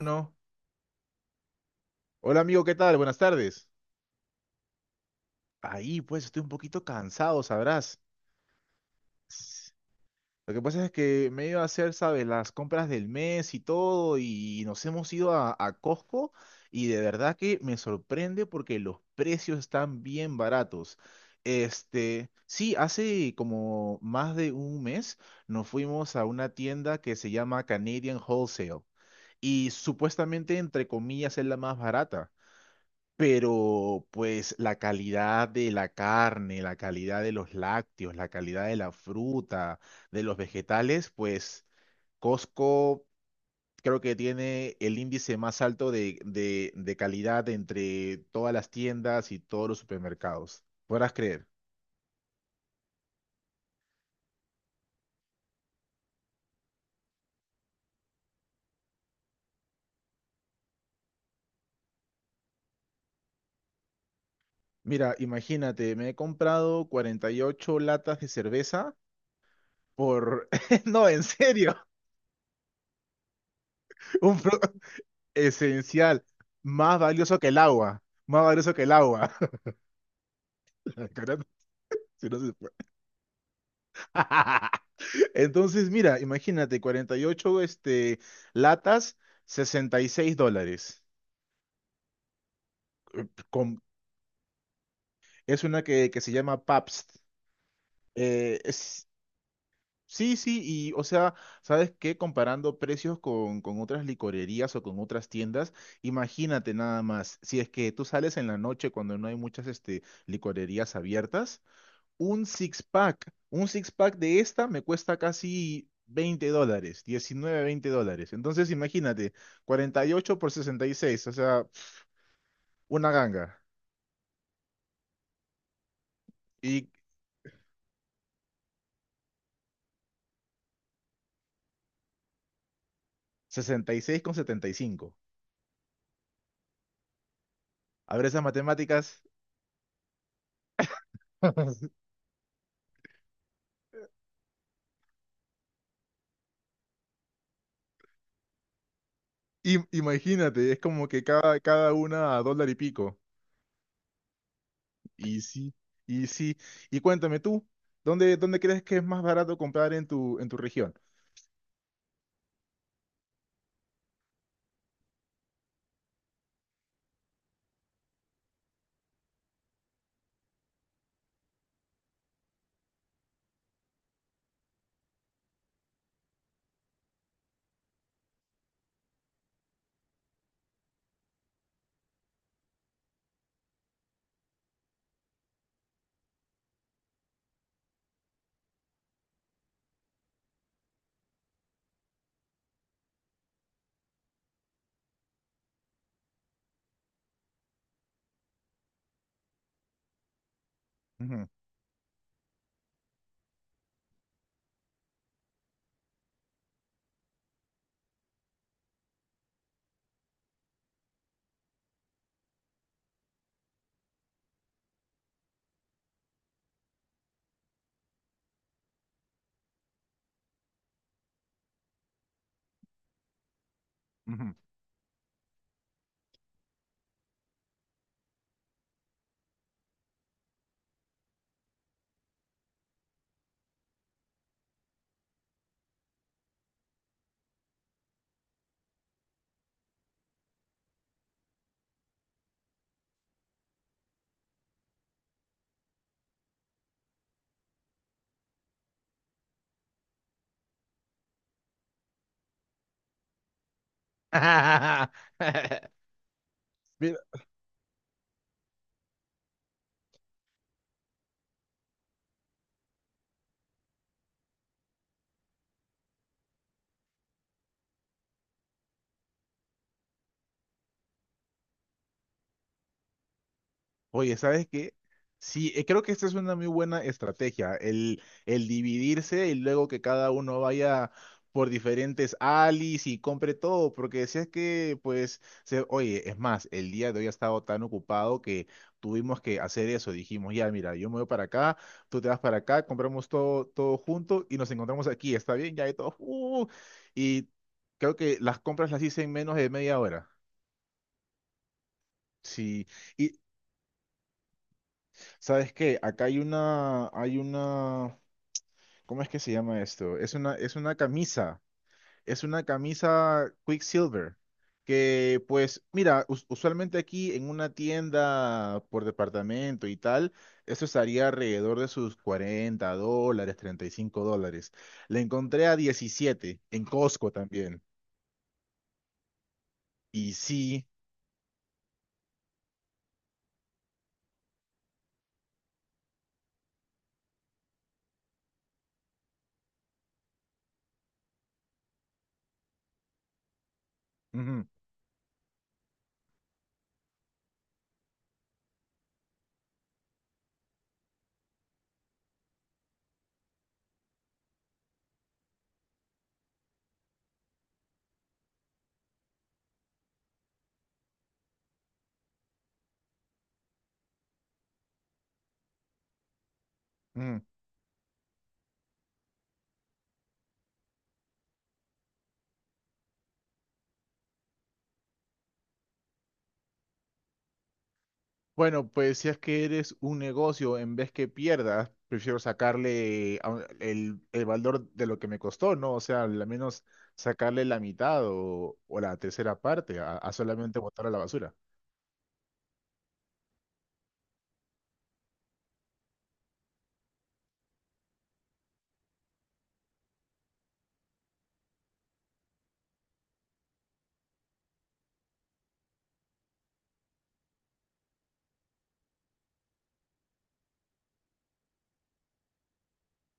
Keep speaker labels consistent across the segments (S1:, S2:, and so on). S1: No. Hola amigo, ¿qué tal? Buenas tardes. Ahí, pues estoy un poquito cansado, sabrás. S- Lo que pasa es que me he ido a hacer, ¿sabes? Las compras del mes y todo, y nos hemos ido a Costco y de verdad que me sorprende porque los precios están bien baratos. Sí, hace como más de un mes nos fuimos a una tienda que se llama Canadian Wholesale y supuestamente, entre comillas, es la más barata. Pero pues la calidad de la carne, la calidad de los lácteos, la calidad de la fruta, de los vegetales, pues Costco creo que tiene el índice más alto de calidad entre todas las tiendas y todos los supermercados. Podrás creer. Mira, imagínate, me he comprado 48 latas de cerveza por... No, en serio, un producto esencial, más valioso que el agua, más valioso que el agua. Si no se puede. Entonces, mira, imagínate, 48 latas, $66. Con- es una que se llama Pabst. Eh, es- sí, sí, y o sea, ¿sabes qué? Comparando precios con otras licorerías o con otras tiendas, imagínate nada más, si es que tú sales en la noche cuando no hay muchas licorerías abiertas, un six pack. Un six pack de esta me cuesta casi $20, $19.20. Entonces imagínate, 48 por 66, o sea, una ganga. Y 66,75. A ver esas matemáticas. Imagínate, es como que cada una a dólar y pico. Y sí, y sí. Y cuéntame tú, ¿dónde crees que es más barato comprar en tu región? Ujú, ujú. Mira, oye, ¿sabes qué? Sí, creo que esta es una muy buena estrategia, el dividirse y luego que cada uno vaya por diferentes alis y compre todo, porque si es que, pues, oye, es más, el día de hoy ha estado tan ocupado que tuvimos que hacer eso, dijimos, ya, mira, yo me voy para acá, tú te vas para acá, compramos todo, todo junto y nos encontramos aquí, ¿está bien? Ya de todo, y todos". Y creo que las compras las hice en menos de media hora. Sí. Y ¿sabes qué? Acá hay una, ¿cómo es que se llama esto? Es una camisa, es una camisa Quicksilver, que pues, mira, usualmente aquí en una tienda por departamento y tal, eso estaría alrededor de sus $40, $35. La encontré a 17 en Costco también. Y sí, ujú, ujú. Bueno, pues si es que eres un negocio, en vez que pierdas, prefiero sacarle a el valor de lo que me costó, ¿no? O sea, al menos sacarle la mitad o la tercera parte a solamente botar a la basura.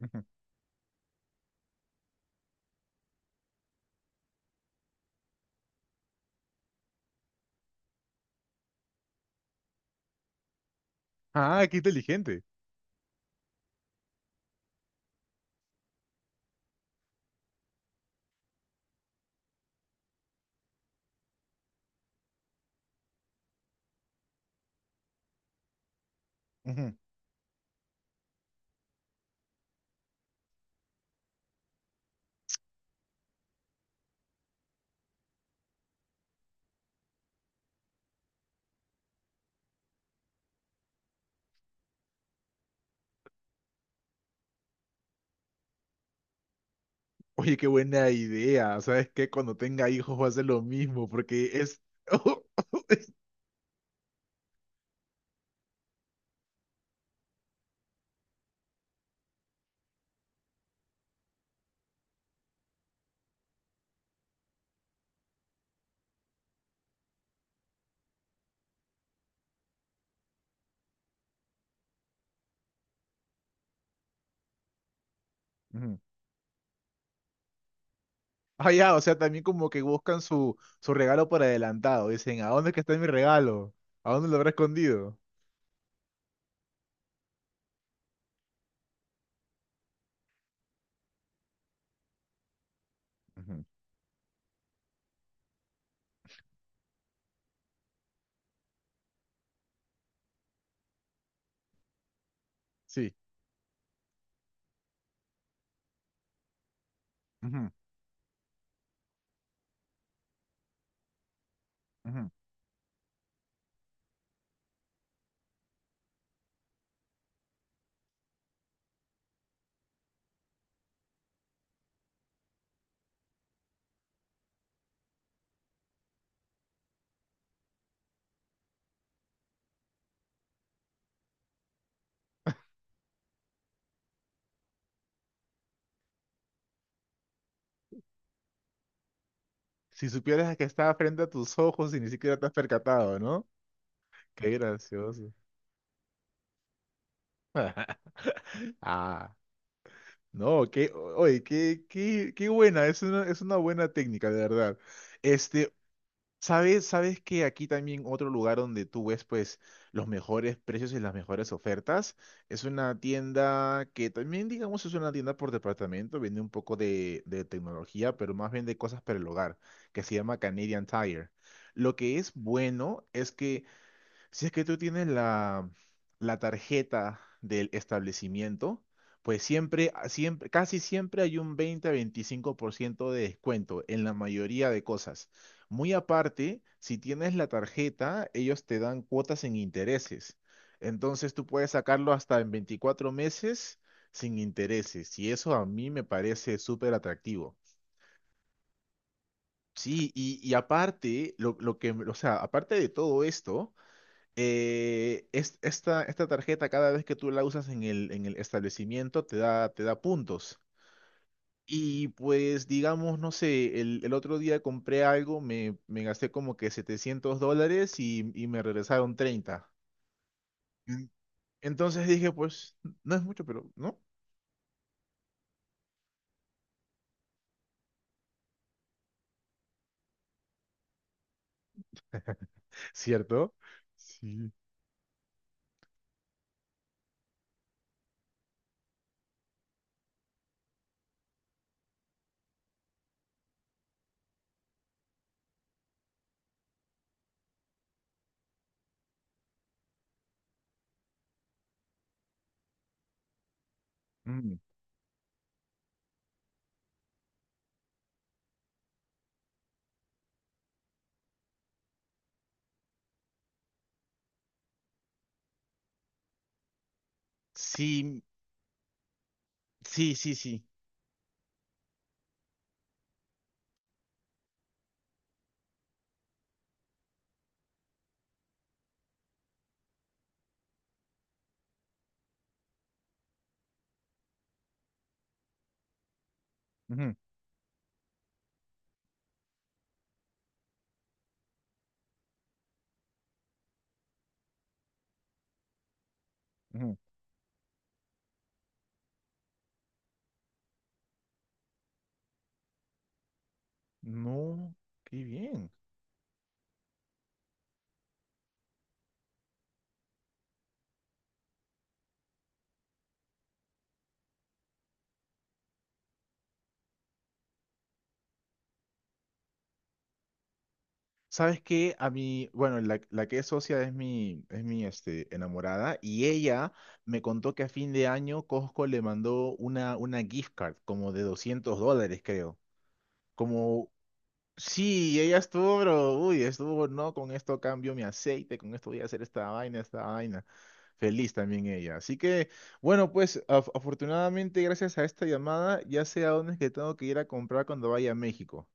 S1: Ujú. Ah, qué inteligente. Ujú. Oye, qué buena idea. ¿Sabes qué? Cuando tenga hijos va a hacer lo mismo porque es... Ujú. Ah, ya, o sea, también como que buscan su regalo por adelantado. Dicen, ¿a dónde es que está mi regalo? ¿A dónde lo habrá escondido? Ujú. Sí. Ujú. Si supieras que estaba frente a tus ojos y ni siquiera te has percatado, ¿no? Qué gracioso. Ah, no, qué, oye, qué, qué buena, es una buena técnica, de verdad. Este, Sabes, sabes que aquí también otro lugar donde tú ves pues los mejores precios y las mejores ofertas es una tienda que también digamos es una tienda por departamento, vende un poco de tecnología, pero más vende cosas para el hogar, que se llama Canadian Tire. Lo que es bueno es que si es que tú tienes la tarjeta del establecimiento, pues siempre, siempre, casi siempre hay un 20 a 25% de descuento en la mayoría de cosas. Muy aparte, si tienes la tarjeta, ellos te dan cuotas en intereses. Entonces tú puedes sacarlo hasta en 24 meses sin intereses. Y eso a mí me parece súper atractivo. Sí, y aparte, lo que, o sea, aparte de todo esto, esta tarjeta, cada vez que tú la usas en el establecimiento, te da puntos. Y pues, digamos, no sé, el otro día compré algo, me gasté como que $700 y me regresaron 30. En- Entonces dije, pues, no es mucho, pero, ¿no? ¿Cierto? Sí. Mm. Sí, sí, sí, sí. Ujú, ujú. No, qué bien. ¿Sabes qué? A mí, bueno, la que es socia es mi enamorada y ella me contó que a fin de año Costco le mandó una gift card como de $200, creo. Como, sí, ella estuvo, pero, uy, estuvo, no, con esto cambio mi aceite, con esto voy a hacer esta vaina, esta vaina. Feliz también ella. Así que, bueno, pues afortunadamente gracias a esta llamada ya sé a dónde es que tengo que ir a comprar cuando vaya a México.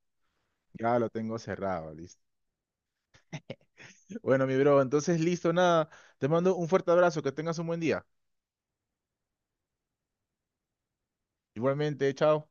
S1: Ya lo tengo cerrado, listo. Bueno, mi bro, entonces listo, nada. Te mando un fuerte abrazo, que tengas un buen día. Igualmente, chao.